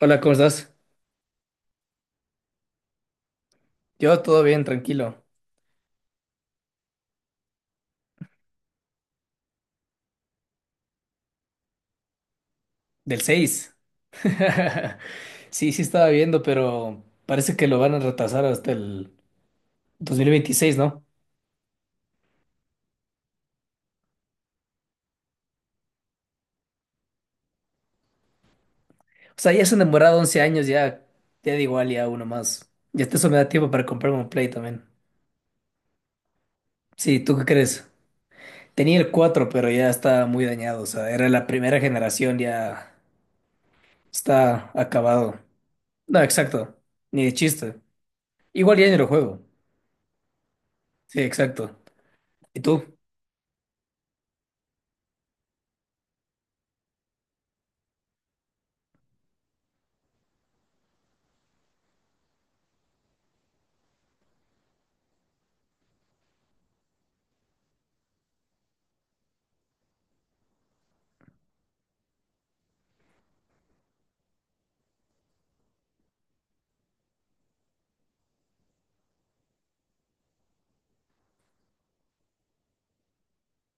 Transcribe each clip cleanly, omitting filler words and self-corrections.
Hola, ¿cómo estás? Yo todo bien, tranquilo. Del seis. Sí, sí estaba viendo, pero parece que lo van a retrasar hasta el 2026, ¿no? O sea, ya se han demorado 11 años, ya, ya da igual, ya uno más. Ya hasta eso me da tiempo para comprarme un Play también. Sí, ¿tú qué crees? Tenía el 4, pero ya está muy dañado, o sea, era la primera generación, ya está acabado. No, exacto, ni de chiste. Igual ya ni lo juego. Sí, exacto. ¿Y tú?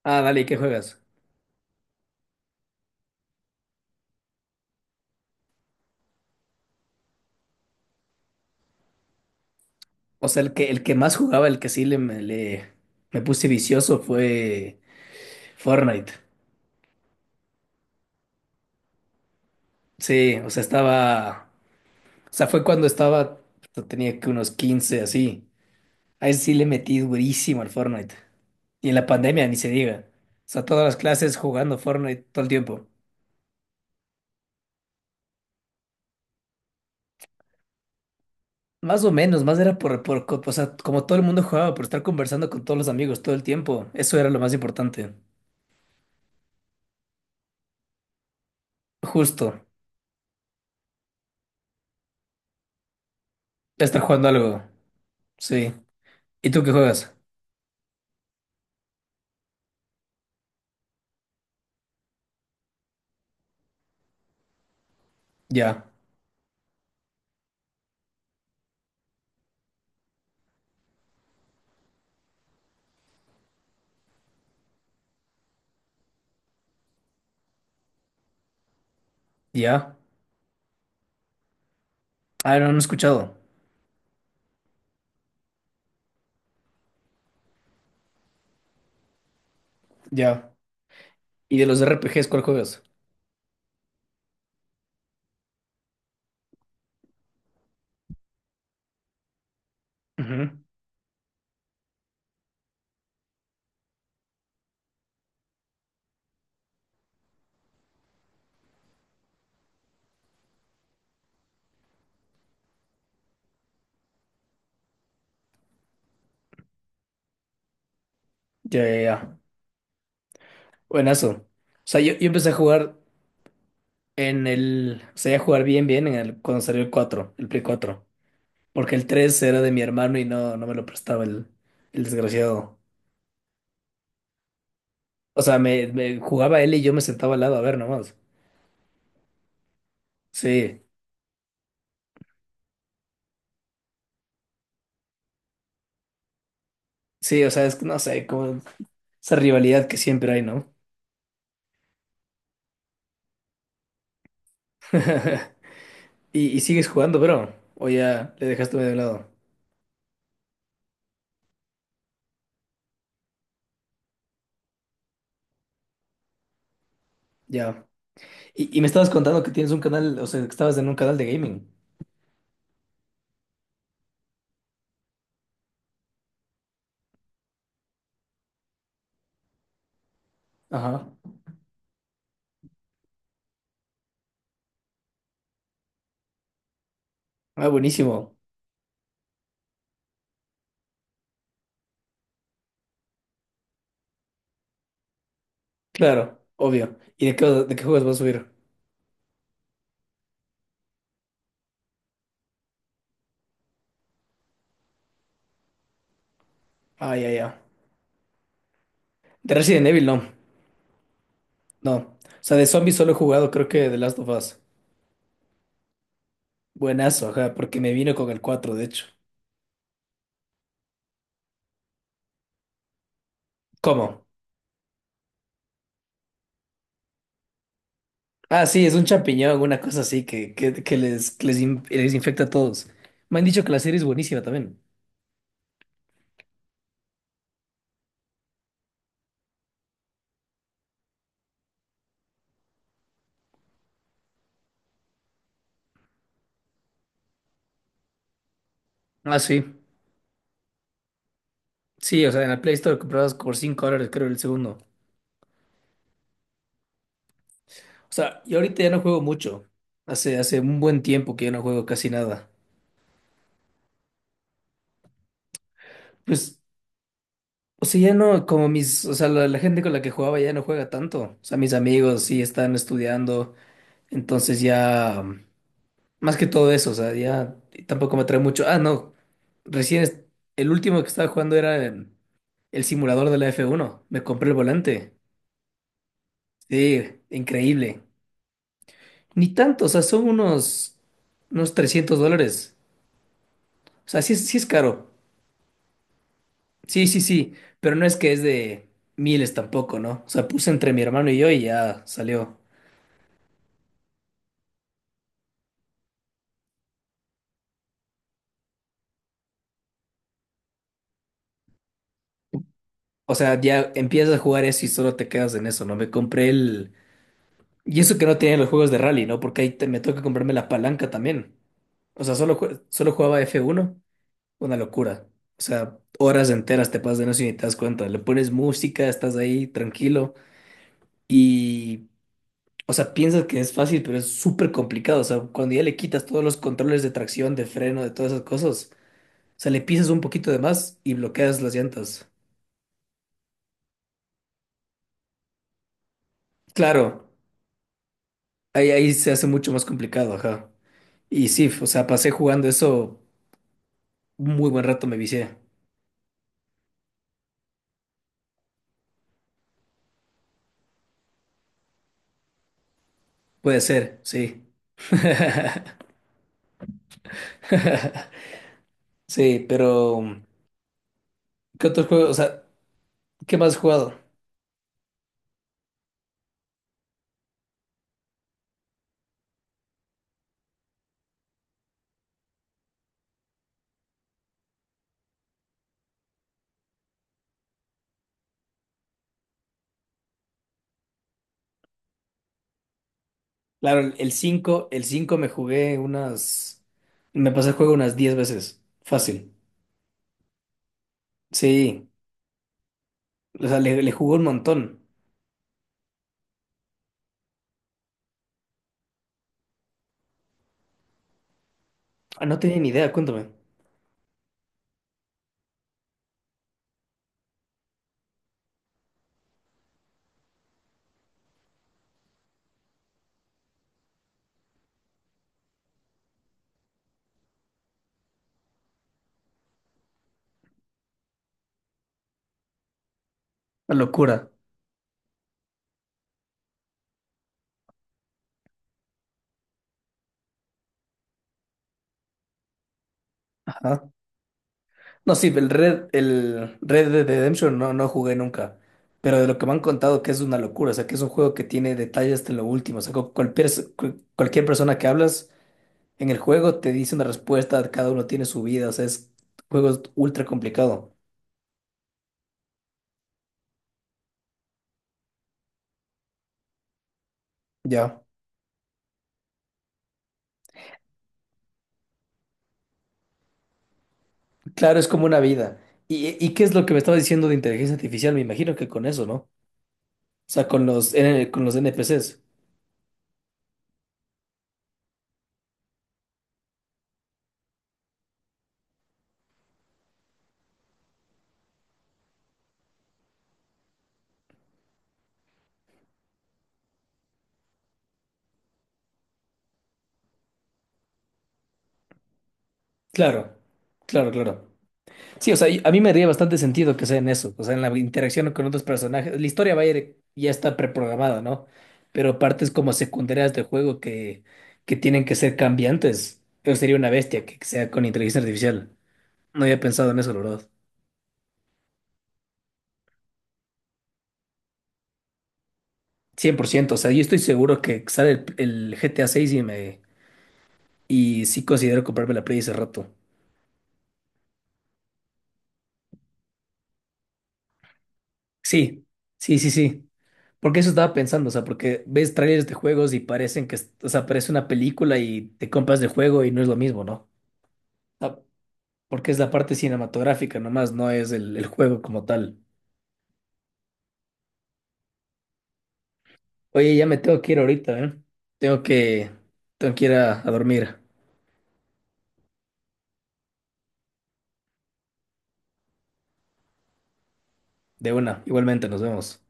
Ah, dale, ¿y qué juegas? O sea, el que más jugaba, el que sí le, me puse vicioso fue Fortnite. Sí, o sea, estaba. O sea, fue cuando estaba. Tenía que unos 15 así. Ahí sí le metí durísimo al Fortnite. Y en la pandemia ni se diga. O sea, todas las clases jugando Fortnite todo el tiempo. Más o menos, más era o sea, como todo el mundo jugaba, por estar conversando con todos los amigos todo el tiempo. Eso era lo más importante. Justo. Estar jugando algo. Sí. ¿Y tú qué juegas? Ya. Ya. Ah, no, no he escuchado. Ya. Y de los RPGs, ¿cuál juegas? Ujú. Ya, ya, ya. Buenazo. O sea, yo empecé a jugar en el. O sea, a jugar bien, bien en el, cuando salió el cuatro, el Play cuatro. Porque el 3 era de mi hermano y no me lo prestaba el desgraciado. O sea, me jugaba él y yo me sentaba al lado a ver nomás. Sí, sí, o sea, es que no sé, como esa rivalidad que siempre hay, ¿no? Y sigues jugando, bro. O ya le dejaste medio de lado. Ya. Y me estabas contando que tienes un canal, o sea, que estabas en un canal de gaming. Ajá. Ah, buenísimo. Claro, obvio. ¿Y de qué juegos vas a subir? Ah, ya, ya. De Resident Evil, no. No. O sea, de zombies solo he jugado, creo, que The Last of Us. Buenazo, ajá, porque me vino con el 4, de hecho. ¿Cómo? Ah, sí, es un champiñón, una cosa así que, que les, que les les infecta a todos. Me han dicho que la serie es buenísima también. Ah, sí. Sí, o sea, en la Play Store comprabas por $5, creo, el segundo. O sea, yo ahorita ya no juego mucho. Hace un buen tiempo que ya no juego casi nada. Pues, o sea, ya no, como mis, o sea, la gente con la que jugaba ya no juega tanto. O sea, mis amigos sí están estudiando. Entonces ya, más que todo eso, o sea, ya tampoco me trae mucho. Ah, no, recién es- el último que estaba jugando era el simulador de la f uno. Me compré el volante. Sí, increíble. Ni tanto, o sea, son unos $300. O sea, sí, sí es caro. Sí, pero no es que es de miles tampoco, ¿no? O sea, puse entre mi hermano y yo y ya salió. O sea, ya empiezas a jugar eso y solo te quedas en eso, ¿no? Me compré el... Y eso que no tenía los juegos de rally, ¿no? Porque me toca comprarme la palanca también. O sea, solo jugaba F1, una locura. O sea, horas enteras te pasas de no y ni te das cuenta. Le pones música, estás ahí tranquilo y, o sea, piensas que es fácil, pero es súper complicado. O sea, cuando ya le quitas todos los controles de tracción, de freno, de todas esas cosas. O sea, le pisas un poquito de más y bloqueas las llantas. Claro, ahí se hace mucho más complicado, ajá. Y sí, o sea, pasé jugando eso un muy buen rato, me vicié. Puede ser, sí. Sí, pero ¿qué otros juegos? O sea, ¿qué más has jugado? Claro, el cinco me jugué unas, me pasé el juego unas 10 veces. Fácil. Sí, o sea, le jugué un montón. Ah, no tenía ni idea, cuéntame. Una locura. Ajá. No, sí, el Red Dead Redemption no, no jugué nunca. Pero de lo que me han contado que es una locura, o sea, que es un juego que tiene detalles hasta lo último. O sea, cualquier persona que hablas en el juego te dice una respuesta, cada uno tiene su vida, o sea, es juego es ultra complicado. Ya. Claro, es como una vida. ¿Y qué es lo que me estaba diciendo de inteligencia artificial? Me imagino que con eso, ¿no? O sea, con los, con los NPCs. Claro, claro. Sí, o sea, a mí me haría bastante sentido que sea en eso, o sea, en la interacción con otros personajes. La historia va a ir, ya está preprogramada, ¿no? Pero partes como secundarias del juego que tienen que ser cambiantes. Yo sería una bestia que sea con inteligencia artificial. No había pensado en eso, la verdad. 100%. O sea, yo estoy seguro que sale el GTA 6 y me y sí considero comprarme la Play ese rato. Sí, sí. Porque eso estaba pensando, o sea, porque ves trailers de juegos y parecen que, o sea, parece una película y te compras el juego y no es lo mismo, ¿no? Ah, porque es la parte cinematográfica nomás, no es el juego como tal. Oye, ya me tengo que ir ahorita, ¿eh? Tengo que, tengo que ir a dormir. De una, igualmente, nos vemos.